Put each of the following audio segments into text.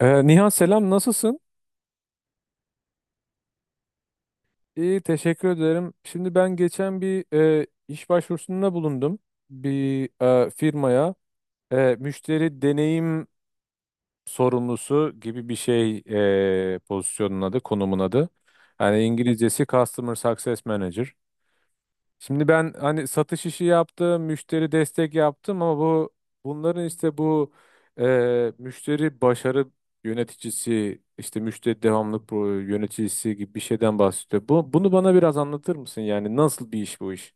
Nihan selam nasılsın? İyi teşekkür ederim. Şimdi ben geçen bir iş başvurusunda bulundum. Bir firmaya müşteri deneyim sorumlusu gibi bir şey pozisyonun adı, konumun adı. Yani İngilizcesi Customer Success Manager. Şimdi ben hani satış işi yaptım, müşteri destek yaptım ama bunların işte bu müşteri başarı yöneticisi, işte müşteri devamlılık yöneticisi gibi bir şeyden bahsediyor. Bunu bana biraz anlatır mısın? Yani nasıl bir iş bu iş?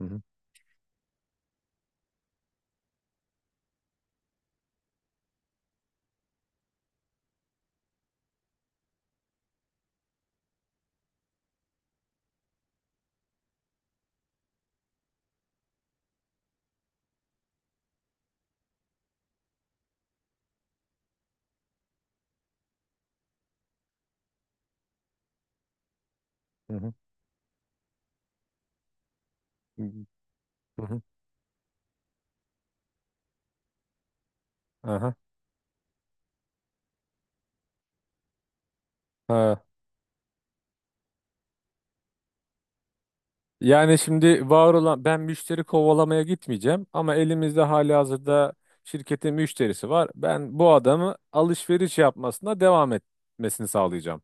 Hı hı, hı hı, hı hı, hı hı. Aha. Ha. Yani şimdi var olan ben müşteri kovalamaya gitmeyeceğim ama elimizde halihazırda şirketin müşterisi var. Ben bu adamı alışveriş yapmasına devam etmesini sağlayacağım.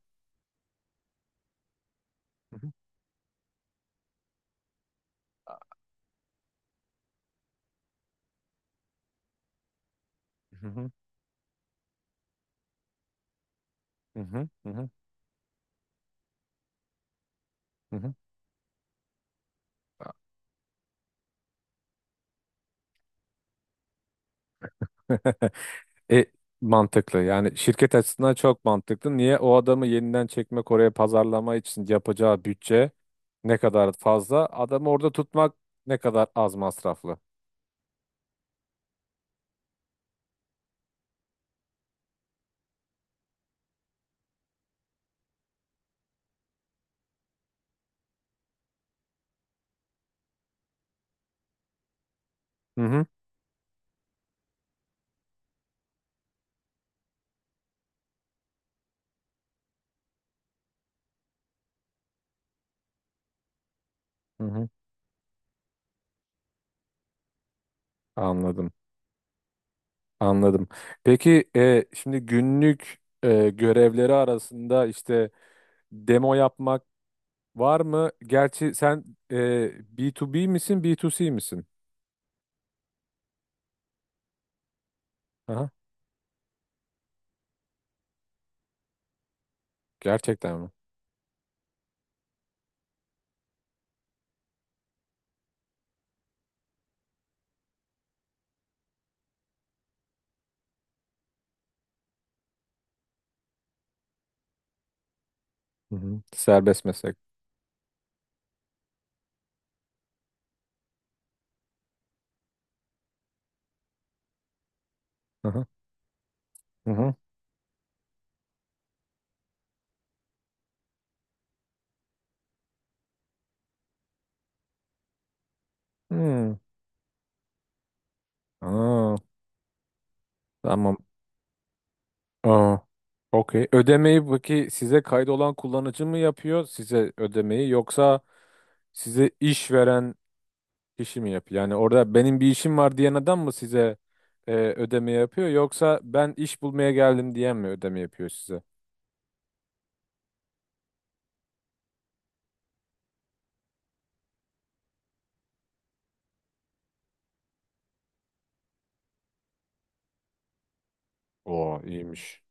Hı hı, hı hı, hı hı, hı hı. E, Mantıklı. Yani şirket açısından çok mantıklı. Niye o adamı yeniden çekmek oraya pazarlama için yapacağı bütçe ne kadar fazla, adamı orada tutmak ne kadar az masraflı. Hı hı, hı hı. Anladım, anladım. Peki şimdi günlük görevleri arasında işte demo yapmak var mı? Gerçi sen e, B2B misin, B2C misin? Aha, gerçekten mi? Hı hı. Serbest meslek. Hı hı. Hmm. Aa, tamam. Aa, okey. Ödemeyi peki size kaydolan kullanıcı mı yapıyor size ödemeyi yoksa size iş veren kişi mi yapıyor? Yani orada benim bir işim var diyen adam mı size ödeme yapıyor yoksa ben iş bulmaya geldim diyen mi ödeme yapıyor size? Oo iyiymiş.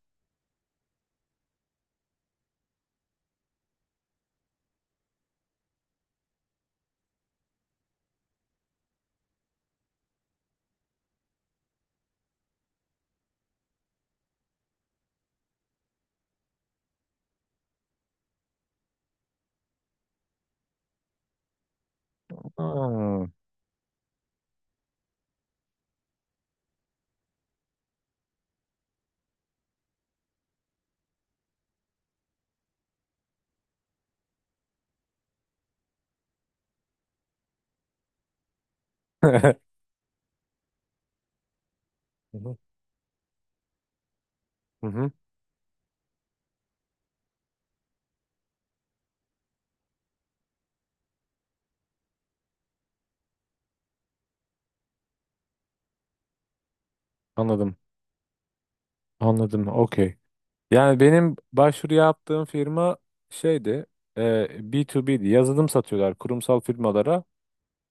Aa. Hı hı. Hı hı. Anladım. Anladım. Okey. Yani benim başvuru yaptığım firma şeydi, e, B2B'di. Yazılım satıyorlar kurumsal firmalara.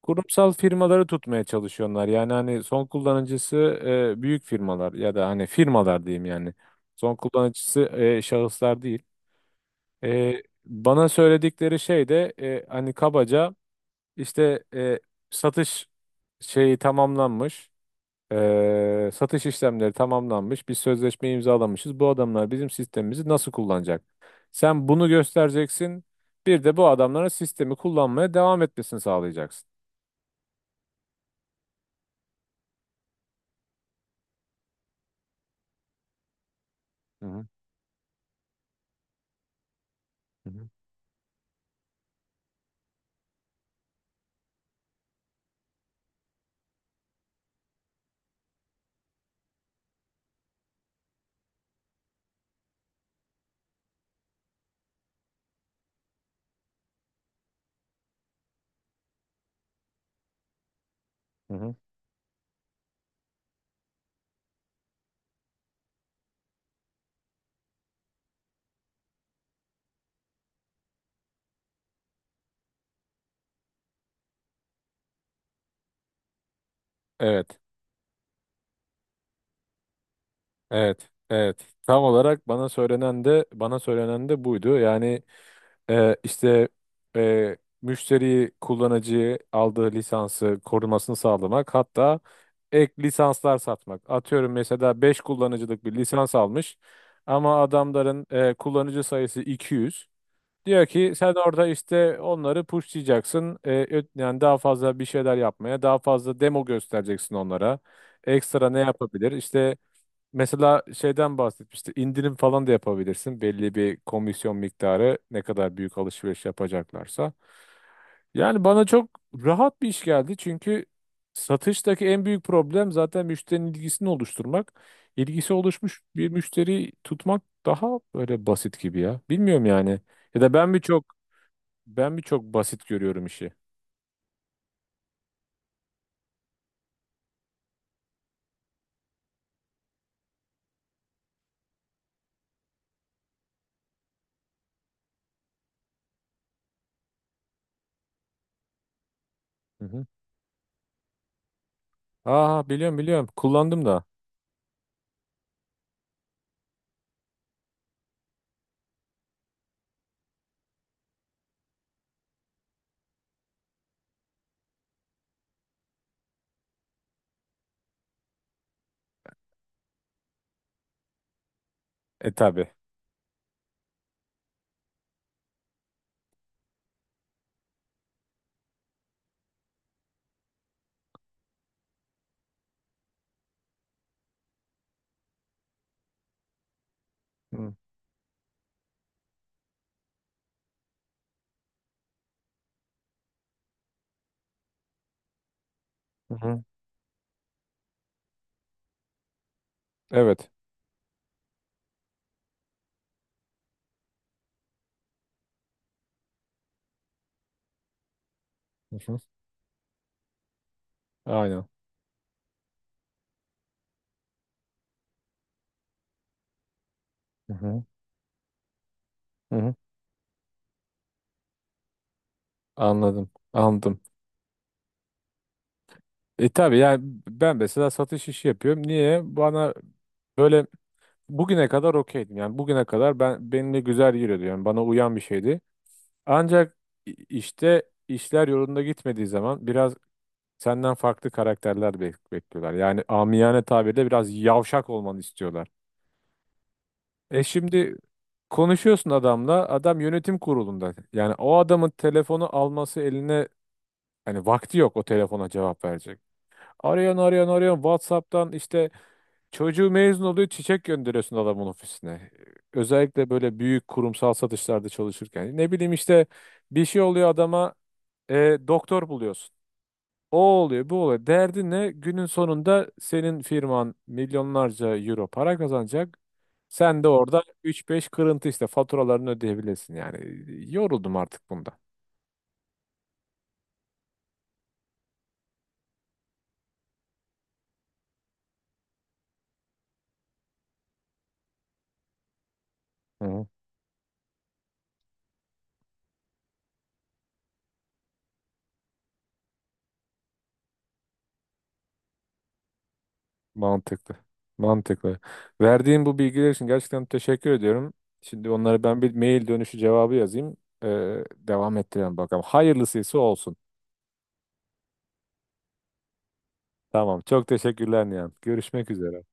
Kurumsal firmaları tutmaya çalışıyorlar. Yani hani son kullanıcısı büyük firmalar ya da hani firmalar diyeyim yani. Son kullanıcısı şahıslar değil. Bana söyledikleri şey de hani kabaca işte satış şeyi tamamlanmış. Satış işlemleri tamamlanmış. Biz sözleşme imzalamışız. Bu adamlar bizim sistemimizi nasıl kullanacak? Sen bunu göstereceksin. Bir de bu adamların sistemi kullanmaya devam etmesini sağlayacaksın. Hı hı, hı hı, hı hı. Evet, evet, evet. Tam olarak bana söylenen de buydu. Yani işte e, müşteriyi, kullanıcıyı aldığı lisansı korumasını sağlamak, hatta ek lisanslar satmak. Atıyorum mesela 5 kullanıcılık bir lisans almış ama adamların kullanıcı sayısı 200. Diyor ki sen orada işte onları pushlayacaksın. Yani daha fazla bir şeyler yapmaya, daha fazla demo göstereceksin onlara. Ekstra ne yapabilir? İşte mesela şeyden bahsetmişti. İndirim falan da yapabilirsin. Belli bir komisyon miktarı ne kadar büyük alışveriş yapacaklarsa. Yani bana çok rahat bir iş geldi. Çünkü satıştaki en büyük problem zaten müşterinin ilgisini oluşturmak. İlgisi oluşmuş bir müşteri tutmak daha böyle basit gibi ya. Bilmiyorum yani. Ya da ben bir çok basit görüyorum işi. Hı hı. Aa biliyorum biliyorum. Kullandım da. E tabi. Hı hı. Evet. Hı hı. Aynen. Hı hı. Hı hı. Anladım. Anladım. E tabii yani ben mesela satış işi yapıyorum. Niye? Bana böyle bugüne kadar okeydim. Yani bugüne kadar benimle güzel yürüyordu. Yani bana uyan bir şeydi. Ancak işte işler yolunda gitmediği zaman biraz senden farklı karakterler bekliyorlar. Yani amiyane tabirle biraz yavşak olmanı istiyorlar. E şimdi konuşuyorsun adamla. Adam yönetim kurulunda. Yani o adamın telefonu alması eline hani vakti yok o telefona cevap verecek. Arıyorsun arıyorsun arıyorsun WhatsApp'tan işte. Çocuğu mezun oluyor, çiçek gönderiyorsun adamın ofisine. Özellikle böyle büyük kurumsal satışlarda çalışırken. Ne bileyim işte bir şey oluyor adama e, doktor buluyorsun. O oluyor, bu oluyor. Derdin ne? Günün sonunda senin firman milyonlarca euro para kazanacak. Sen de orada üç beş kırıntı işte faturalarını ödeyebilirsin yani. Yoruldum artık bundan. Hı. Mantıklı. Mantıklı. Verdiğin bu bilgiler için gerçekten teşekkür ediyorum. Şimdi onlara ben bir mail dönüşü cevabı yazayım. Devam ettirelim bakalım. Hayırlısıysa olsun. Tamam. Çok teşekkürler Nihan. Görüşmek üzere.